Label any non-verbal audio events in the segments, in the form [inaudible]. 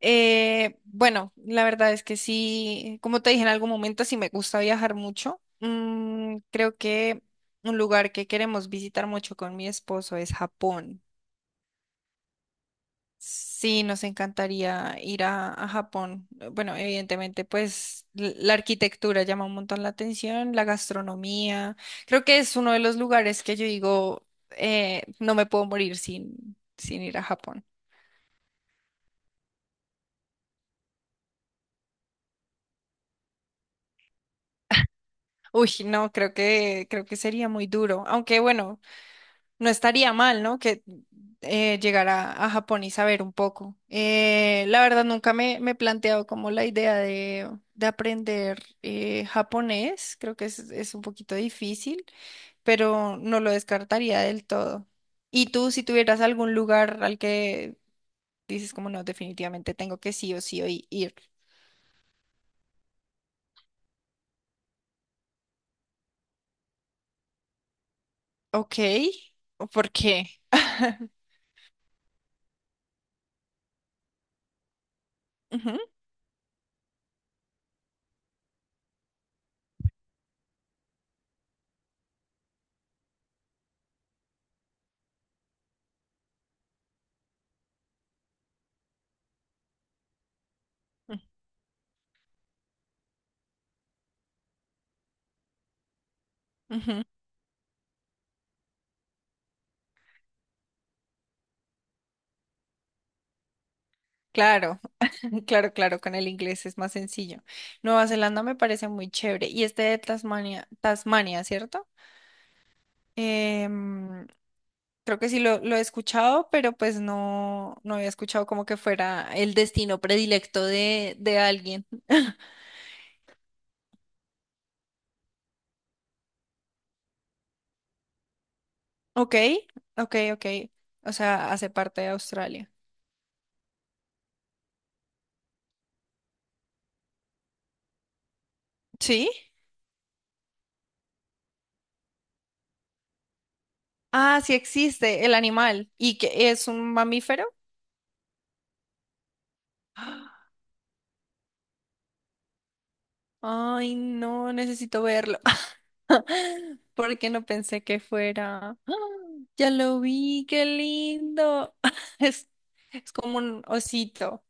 Bueno, la verdad es que sí, como te dije en algún momento, sí me gusta viajar mucho. Creo que un lugar que queremos visitar mucho con mi esposo es Japón. Sí, nos encantaría ir a Japón. Bueno, evidentemente, pues la arquitectura llama un montón la atención, la gastronomía. Creo que es uno de los lugares que yo digo, no me puedo morir sin ir a Japón. Uy, no, creo que sería muy duro. Aunque bueno, no estaría mal, ¿no? Que llegar a Japón y saber un poco. La verdad, nunca me he planteado como la idea de aprender japonés. Creo que es un poquito difícil, pero no lo descartaría del todo. ¿Y tú, si tuvieras algún lugar al que dices como no, definitivamente tengo que sí o sí o ir? Ok, ¿o ¿por qué? [laughs] Ujú, ujú. Claro. Claro, claro, con el inglés es más sencillo. Nueva Zelanda me parece muy chévere. Y este de Tasmania, Tasmania, ¿cierto? Em, creo que sí lo he escuchado, pero pues no, no había escuchado como que fuera el destino predilecto de alguien. [laughs] Ok, ok, ok. O sea, hace parte de Australia. ¿Sí? Ah, sí existe el animal. ¿Y que es un mamífero? [gasps] Ay, no, necesito verlo. [laughs] Porque no pensé que fuera. ¡Ah! Ya lo vi, qué lindo. [laughs] Es, es como un osito.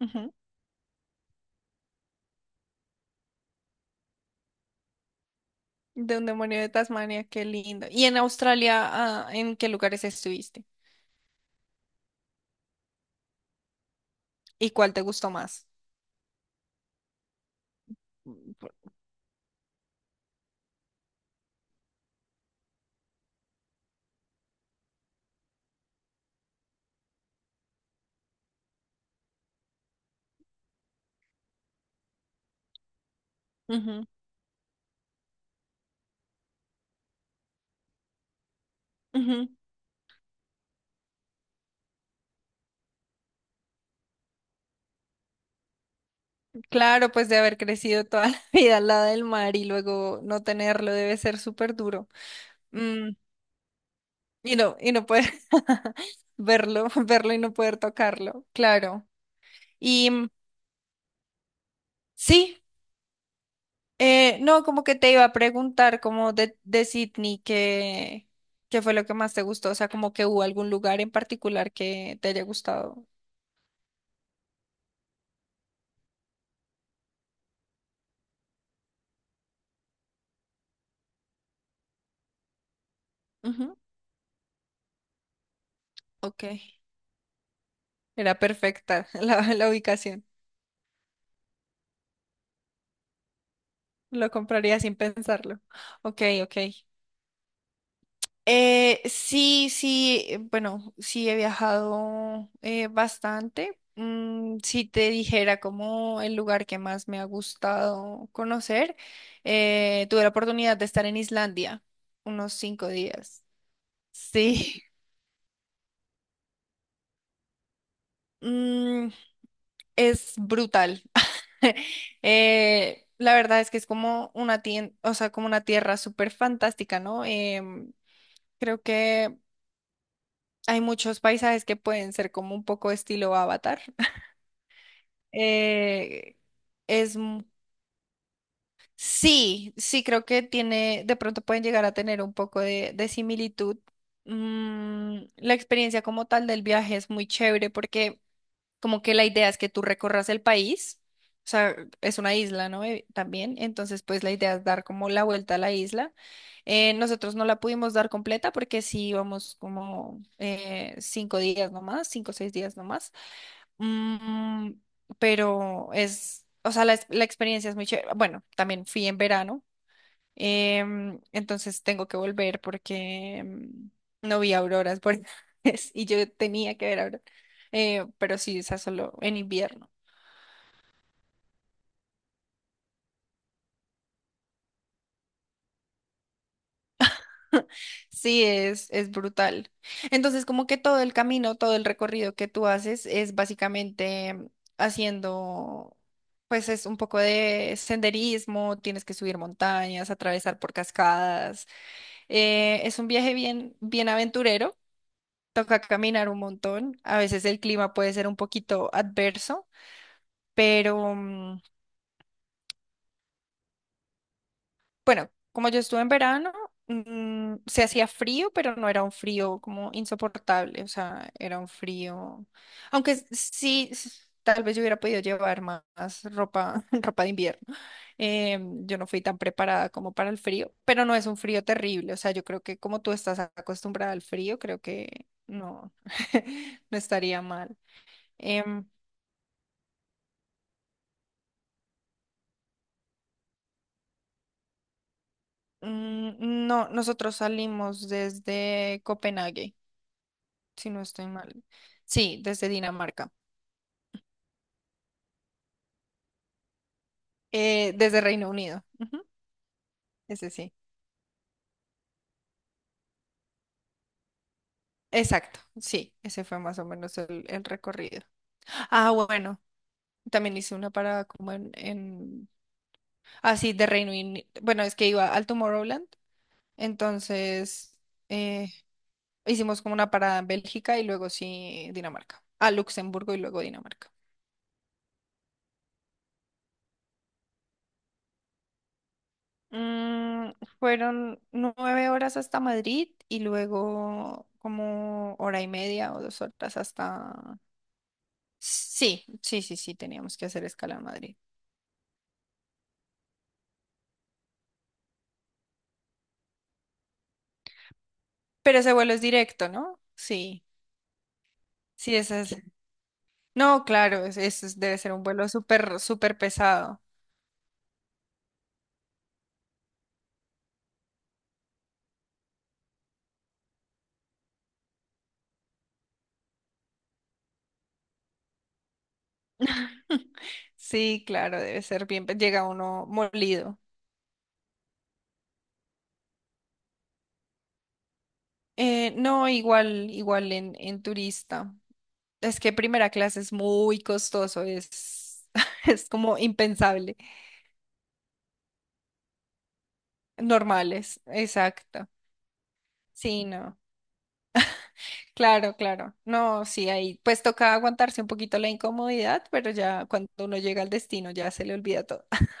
Ujú. De un demonio de Tasmania, qué lindo. ¿Y en Australia, ah, en qué lugares estuviste? ¿Y cuál te gustó más? Ujú, ujú. Claro, pues de haber crecido toda la [laughs] vida al lado del mar y luego no tenerlo debe ser súper duro. Mm, y no poder [laughs] verlo, verlo y no poder tocarlo, claro. Y mm, sí, no, como que te iba a preguntar como de Sydney que, qué fue lo que más te gustó, o sea, como que hubo algún lugar en particular que te haya gustado. Ujú, Ok, era perfecta [laughs] la ubicación, lo compraría sin pensarlo. Ok, ok. Sí, sí, bueno, sí he viajado bastante. Mm, si te dijera como el lugar que más me ha gustado conocer, tuve la oportunidad de estar en Islandia unos 5 días. Sí, [laughs] Mm, es brutal. [laughs] La verdad es que es como una o sea, como una tierra súper fantástica, ¿no? Em, creo que hay muchos paisajes que pueden ser como un poco estilo Avatar. Eh, es, m- sí, sí, creo que tiene, de pronto pueden llegar a tener un poco de similitud. Mm, la experiencia como tal del viaje es muy chévere porque como que la idea es que tú recorras el país, o sea, es una isla, ¿no? También, entonces pues la idea es dar como la vuelta a la isla. Nosotros no la pudimos dar completa porque sí íbamos como 5 días nomás, 5 o 6 días nomás. Mm, pero es, o sea, la experiencia es muy chévere. Bueno, también fui en verano, em, entonces tengo que volver porque no vi auroras por [laughs] y yo tenía que ver auroras. Pero sí, esa solo en invierno. Sí, es brutal. Entonces, como que todo el camino, todo el recorrido que tú haces es básicamente em, haciendo pues es un poco de senderismo, tienes que subir montañas, atravesar por cascadas. Es un viaje bien, bien aventurero, toca caminar un montón, a veces el clima puede ser un poquito adverso, pero, mm, bueno, como yo estuve en verano, mm, se hacía frío, pero no era un frío como insoportable, o sea, era un frío, aunque sí, tal vez yo hubiera podido llevar más ropa, [laughs] ropa de invierno. Eh, yo no fui tan preparada como para el frío, pero no es un frío terrible, o sea, yo creo que como tú estás acostumbrada al frío, creo que no, [laughs] no estaría mal. Em, no, nosotros salimos desde Copenhague, si no estoy mal. Sí, desde Dinamarca. Desde Reino Unido. Ujú, ese sí. Exacto, sí, ese fue más o menos el recorrido. Ah, bueno, también hice una parada como Ah, sí, de Reino Unido. Bueno, es que iba al Tomorrowland, entonces eh, hicimos como una parada en Bélgica y luego sí Dinamarca. A Luxemburgo y luego Dinamarca. Mm, fueron 9 horas hasta Madrid y luego como hora y media o 2 horas hasta... Sí, sí, sí, sí, teníamos que hacer escala en Madrid. Pero ese vuelo es directo, ¿no? Sí, sí, ese es... No, claro, debe ser un vuelo súper, súper pesado. [laughs] Sí, claro, debe ser bien, llega uno molido. No, igual, igual en turista. Es que primera clase es muy costoso, es, [laughs] es como impensable. Normales, exacto. Sí, no. Claro, claro. No, sí, ahí pues toca aguantarse un poquito la incomodidad, pero ya cuando uno llega al destino ya se le olvida todo. [laughs]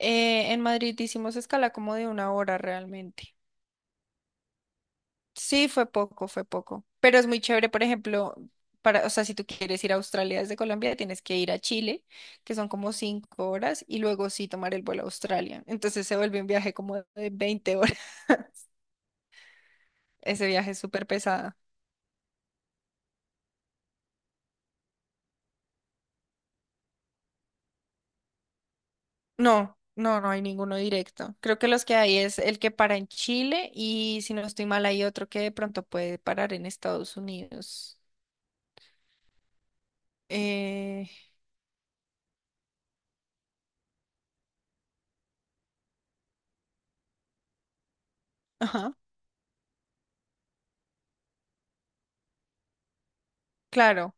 En Madrid hicimos escala como de 1 hora realmente. Sí, fue poco, fue poco. Pero es muy chévere, por ejemplo, para, o sea, si tú quieres ir a Australia desde Colombia, tienes que ir a Chile, que son como 5 horas, y luego sí tomar el vuelo a Australia. Entonces se vuelve un viaje como de 20 horas. [laughs] Ese viaje es súper pesado. No, no, no hay ninguno directo. Creo que los que hay es el que para en Chile y si no estoy mal hay otro que de pronto puede parar en Estados Unidos. Eh, ajá, claro,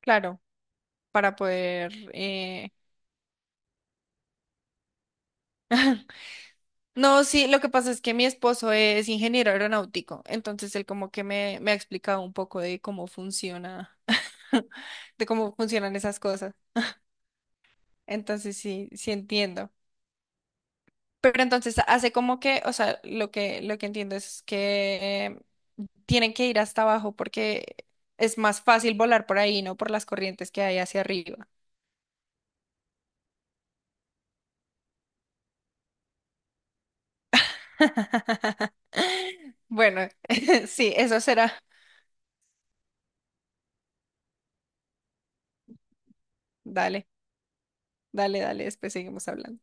claro, para poder no, sí, lo que pasa es que mi esposo es ingeniero aeronáutico, entonces él como que me ha explicado un poco de cómo funciona, [laughs] de cómo funcionan esas cosas. Entonces sí, sí entiendo. Pero entonces hace como que, o sea, lo que entiendo es que tienen que ir hasta abajo porque es más fácil volar por ahí, no por las corrientes que hay hacia arriba. [laughs] Bueno, [laughs] sí, eso será. Dale, dale, dale, después seguimos hablando.